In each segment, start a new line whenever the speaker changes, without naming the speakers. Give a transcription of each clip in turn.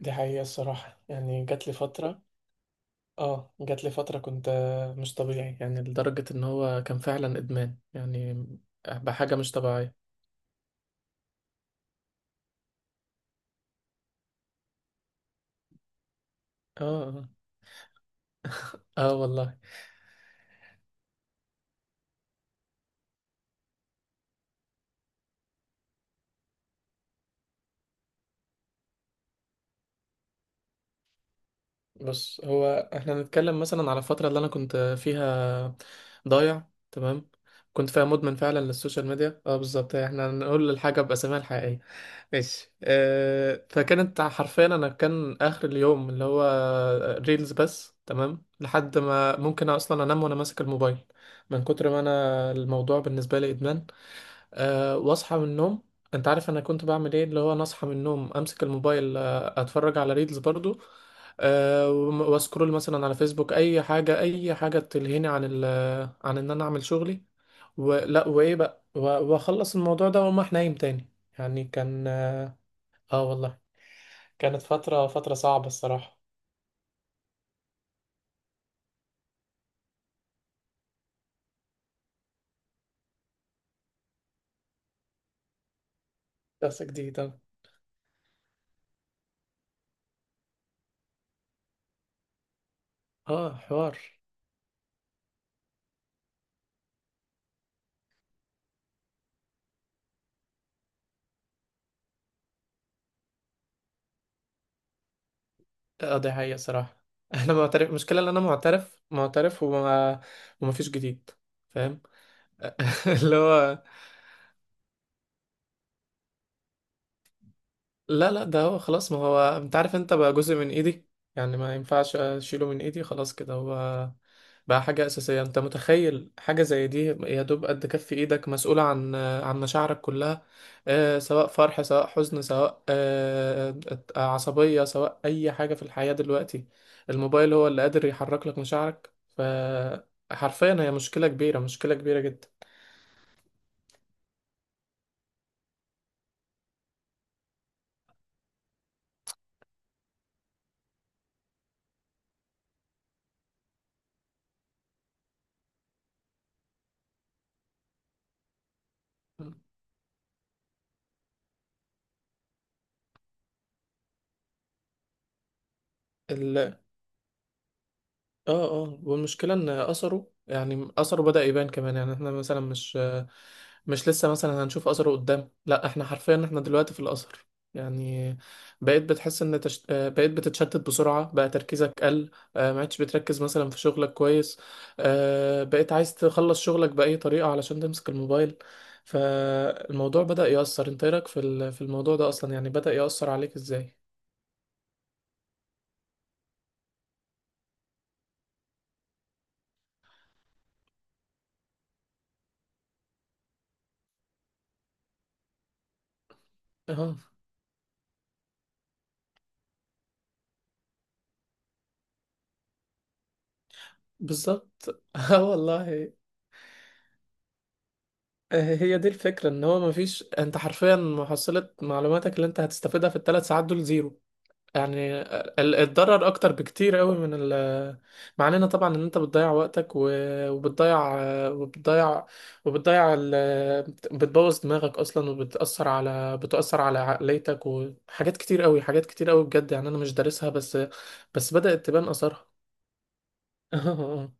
دي حقيقة الصراحة، يعني جات لي فترة كنت مش طبيعي، يعني لدرجة ان هو كان فعلا ادمان، يعني بحاجة مش طبيعية. اه، اه، آه والله. بص، هو احنا نتكلم مثلا على الفترة اللي انا كنت فيها ضايع تمام، كنت فيها مدمن فعلا للسوشيال ميديا. اه بالظبط، احنا نقول الحاجة بأساميها الحقيقية، ماشي، فكانت حرفيا انا كان اخر اليوم اللي هو ريلز بس، تمام، لحد ما ممكن اصلا انام وانا ماسك الموبايل، من كتر ما انا الموضوع بالنسبه لي ادمان. واصحى من النوم، انت عارف انا كنت بعمل ايه؟ اللي هو انا اصحى من النوم، امسك الموبايل، اتفرج على ريلز برضو، واسكرول مثلا على فيسبوك، اي حاجه اي حاجه تلهيني عن عن ان انا اعمل شغلي، ولا وايه بقى واخلص الموضوع ده واقوم رايح نايم تاني، يعني كان. اه والله، كانت فترة صعبة الصراحة. دراسة جديدة. اه، حوار. اه دي حقيقة صراحة. انا معترف المشكلة ان انا معترف وما فيش جديد، فاهم؟ اللي هو. لا لا، ده هو خلاص، ما هو انت عارف، انت بقى جزء من ايدي، يعني ما ينفعش اشيله من ايدي، خلاص كده هو بقى حاجة أساسية. انت متخيل حاجة زي دي؟ يا دوب قد كف ايدك مسؤولة عن مشاعرك كلها، آه سواء فرح، سواء حزن، سواء عصبية، سواء اي حاجة في الحياة دلوقتي، الموبايل هو اللي قادر يحرك لك مشاعرك، فحرفيا هي مشكلة كبيرة، مشكلة كبيرة جدا. اه، اه، والمشكلة ان اثره، يعني اثره بدأ يبان كمان، يعني احنا مثلا مش لسه مثلا هنشوف اثره قدام، لا احنا حرفيا احنا دلوقتي في الاثر، يعني بقيت بتحس ان تش... آه، بقيت بتتشتت بسرعة، بقى تركيزك قل، ما عادش بتركز مثلا في شغلك كويس، بقيت عايز تخلص شغلك بأي طريقة علشان تمسك الموبايل، فالموضوع بدأ يأثر. انت إيه رأيك في الموضوع ده اصلا؟ يعني بدأ يأثر عليك ازاي؟ اه بالظبط، اه والله، هي دي الفكرة، ان هو مفيش، انت حرفيا محصلة معلوماتك اللي انت هتستفيدها في الثلاث ساعات دول زيرو، يعني الضرر اكتر بكتير قوي من ال. مع اننا طبعا، ان انت بتضيع وقتك وبتضيع وبتضيع بتبوظ دماغك اصلا، وبتأثر على عقليتك وحاجات كتير قوي، حاجات كتير قوي، بجد، يعني انا مش دارسها، بس بس بدأت تبان اثارها. اه، آه،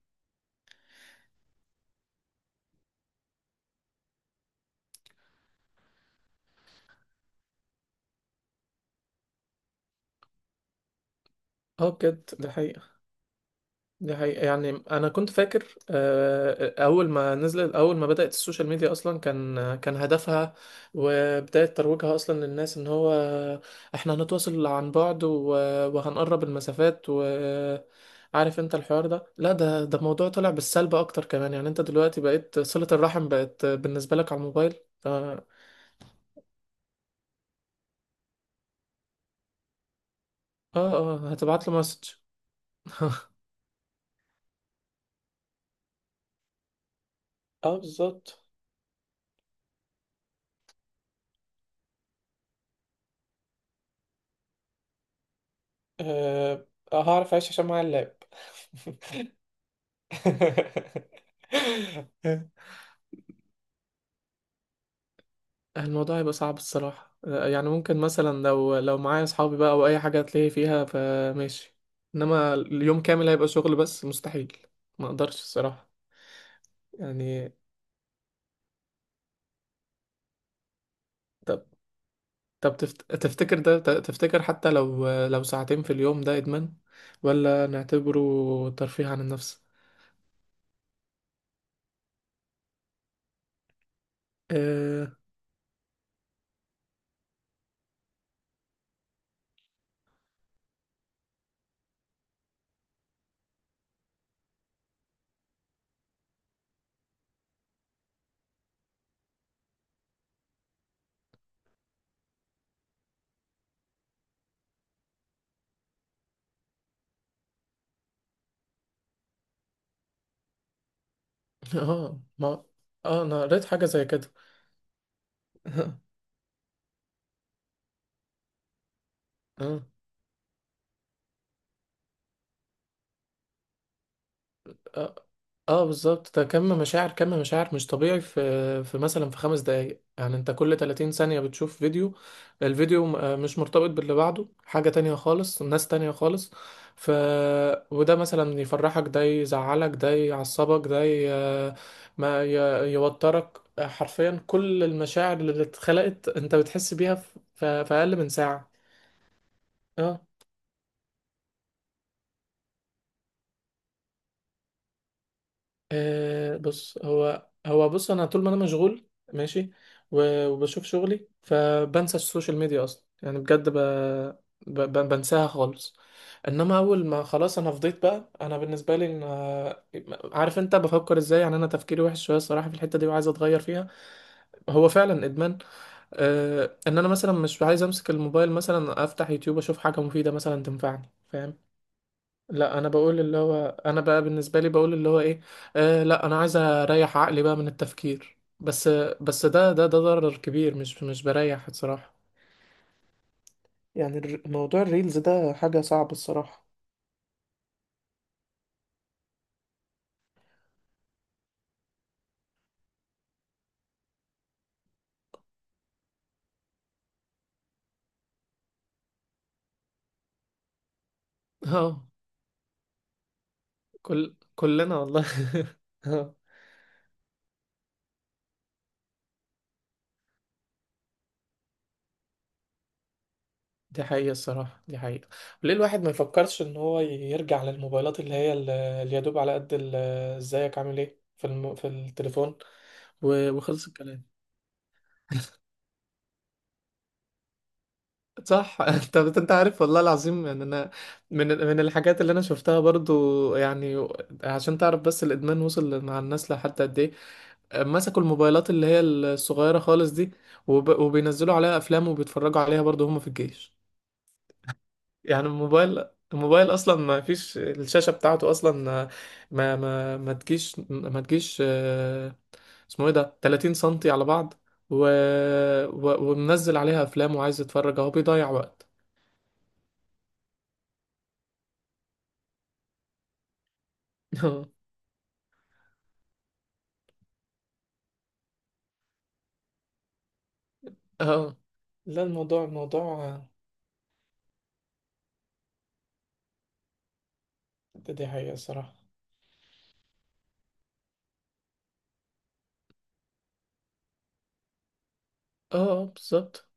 آه، بجد ده حقيقي، دي حقيقة، يعني أنا كنت فاكر، أول ما بدأت السوشيال ميديا أصلا، كان هدفها وبداية ترويجها أصلا للناس إن هو إحنا هنتواصل عن بعد، وهنقرب المسافات، وعارف أنت الحوار ده، لا ده موضوع طلع بالسلب أكتر كمان، يعني أنت دلوقتي بقيت، صلة الرحم بقت بالنسبة لك على الموبايل، ف- آه هتبعت له مسج. اه بالظبط، أه هعرف أعيش عشان معايا اللاب. الموضوع هيبقى صعب الصراحة، يعني ممكن مثلا لو معايا أصحابي بقى أو أي حاجة، هتلاقي فيها فماشي، إنما اليوم كامل هيبقى شغل بس مستحيل، ما أقدرش الصراحة، يعني. طب طب تفتكر ده، تفتكر حتى لو ساعتين في اليوم ده إدمان؟ ولا نعتبره ترفيه عن النفس؟ آه، ما أنا قريت حاجة زي كده. آه، اه، آه، بالظبط. ده كم مشاعر كم مشاعر مش طبيعي، في مثلا في 5 دقايق، يعني انت كل 30 ثانية بتشوف فيديو، الفيديو مش مرتبط باللي بعده، حاجة تانية خالص، ناس تانية خالص، ف وده مثلا يفرحك، ده يزعلك، ده يعصبك، ده ي... ما ي... يوترك، حرفيا كل المشاعر اللي اتخلقت انت بتحس بيها في أقل من ساعة. آه. بص هو هو بص، انا طول ما انا مشغول، ماشي، وبشوف شغلي، فبنسى السوشيال ميديا اصلا، يعني بجد بنساها خالص. انما اول ما خلاص انا فضيت بقى، انا بالنسبه لي ان، عارف انت بفكر ازاي؟ يعني انا تفكيري وحش شويه الصراحه في الحته دي، وعايز اتغير فيها، هو فعلا ادمان، ان انا مثلا مش عايز امسك الموبايل مثلا افتح يوتيوب اشوف حاجه مفيده مثلا تنفعني، فاهم؟ لا، انا بقول اللي هو انا بقى بالنسبه لي بقول اللي هو ايه، لا انا عايز اريح عقلي بقى من التفكير بس، بس ده ده ضرر كبير، مش بريح الصراحه، يعني موضوع الريلز ده حاجه صعبه الصراحه. اه كلنا والله. اه دي حقيقه الصراحه، دي حقيقه. ليه الواحد ما يفكرش ان هو يرجع للموبايلات اللي هي اللي يدوب على قد ازيك عامل ايه في التليفون وخلص الكلام؟ صح، انت عارف والله العظيم، يعني انا من الحاجات اللي انا شفتها برضو، يعني عشان تعرف بس الادمان وصل مع الناس لحد قد ايه، مسكوا الموبايلات اللي هي الصغيره خالص دي، وبينزلوا عليها افلام وبيتفرجوا عليها برضو هم في الجيش، يعني الموبايل اصلا، ما فيش الشاشه بتاعته اصلا، ما تجيش اسمه ايه ده، 30 سنتي على بعض، و... ومنزل عليها افلام وعايز يتفرج، اهو بيضيع وقت. اه، لا الموضوع ده دي حقيقة صراحة. اه، بالظبط،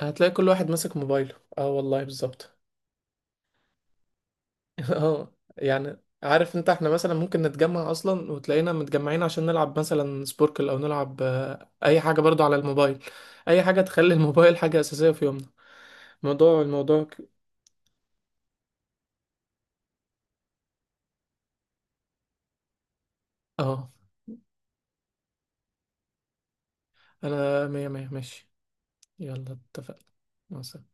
هتلاقي كل واحد ماسك موبايله، اه والله بالظبط. اه يعني، عارف انت، احنا مثلا ممكن نتجمع اصلا وتلاقينا متجمعين عشان نلعب مثلا سبوركل او نلعب، اي حاجة برضو على الموبايل، اي حاجة تخلي الموبايل حاجة اساسية في يومنا. موضوع الموضوع ك- اه انا مية مية ماشي، يلا اتفقنا، مع السلامة.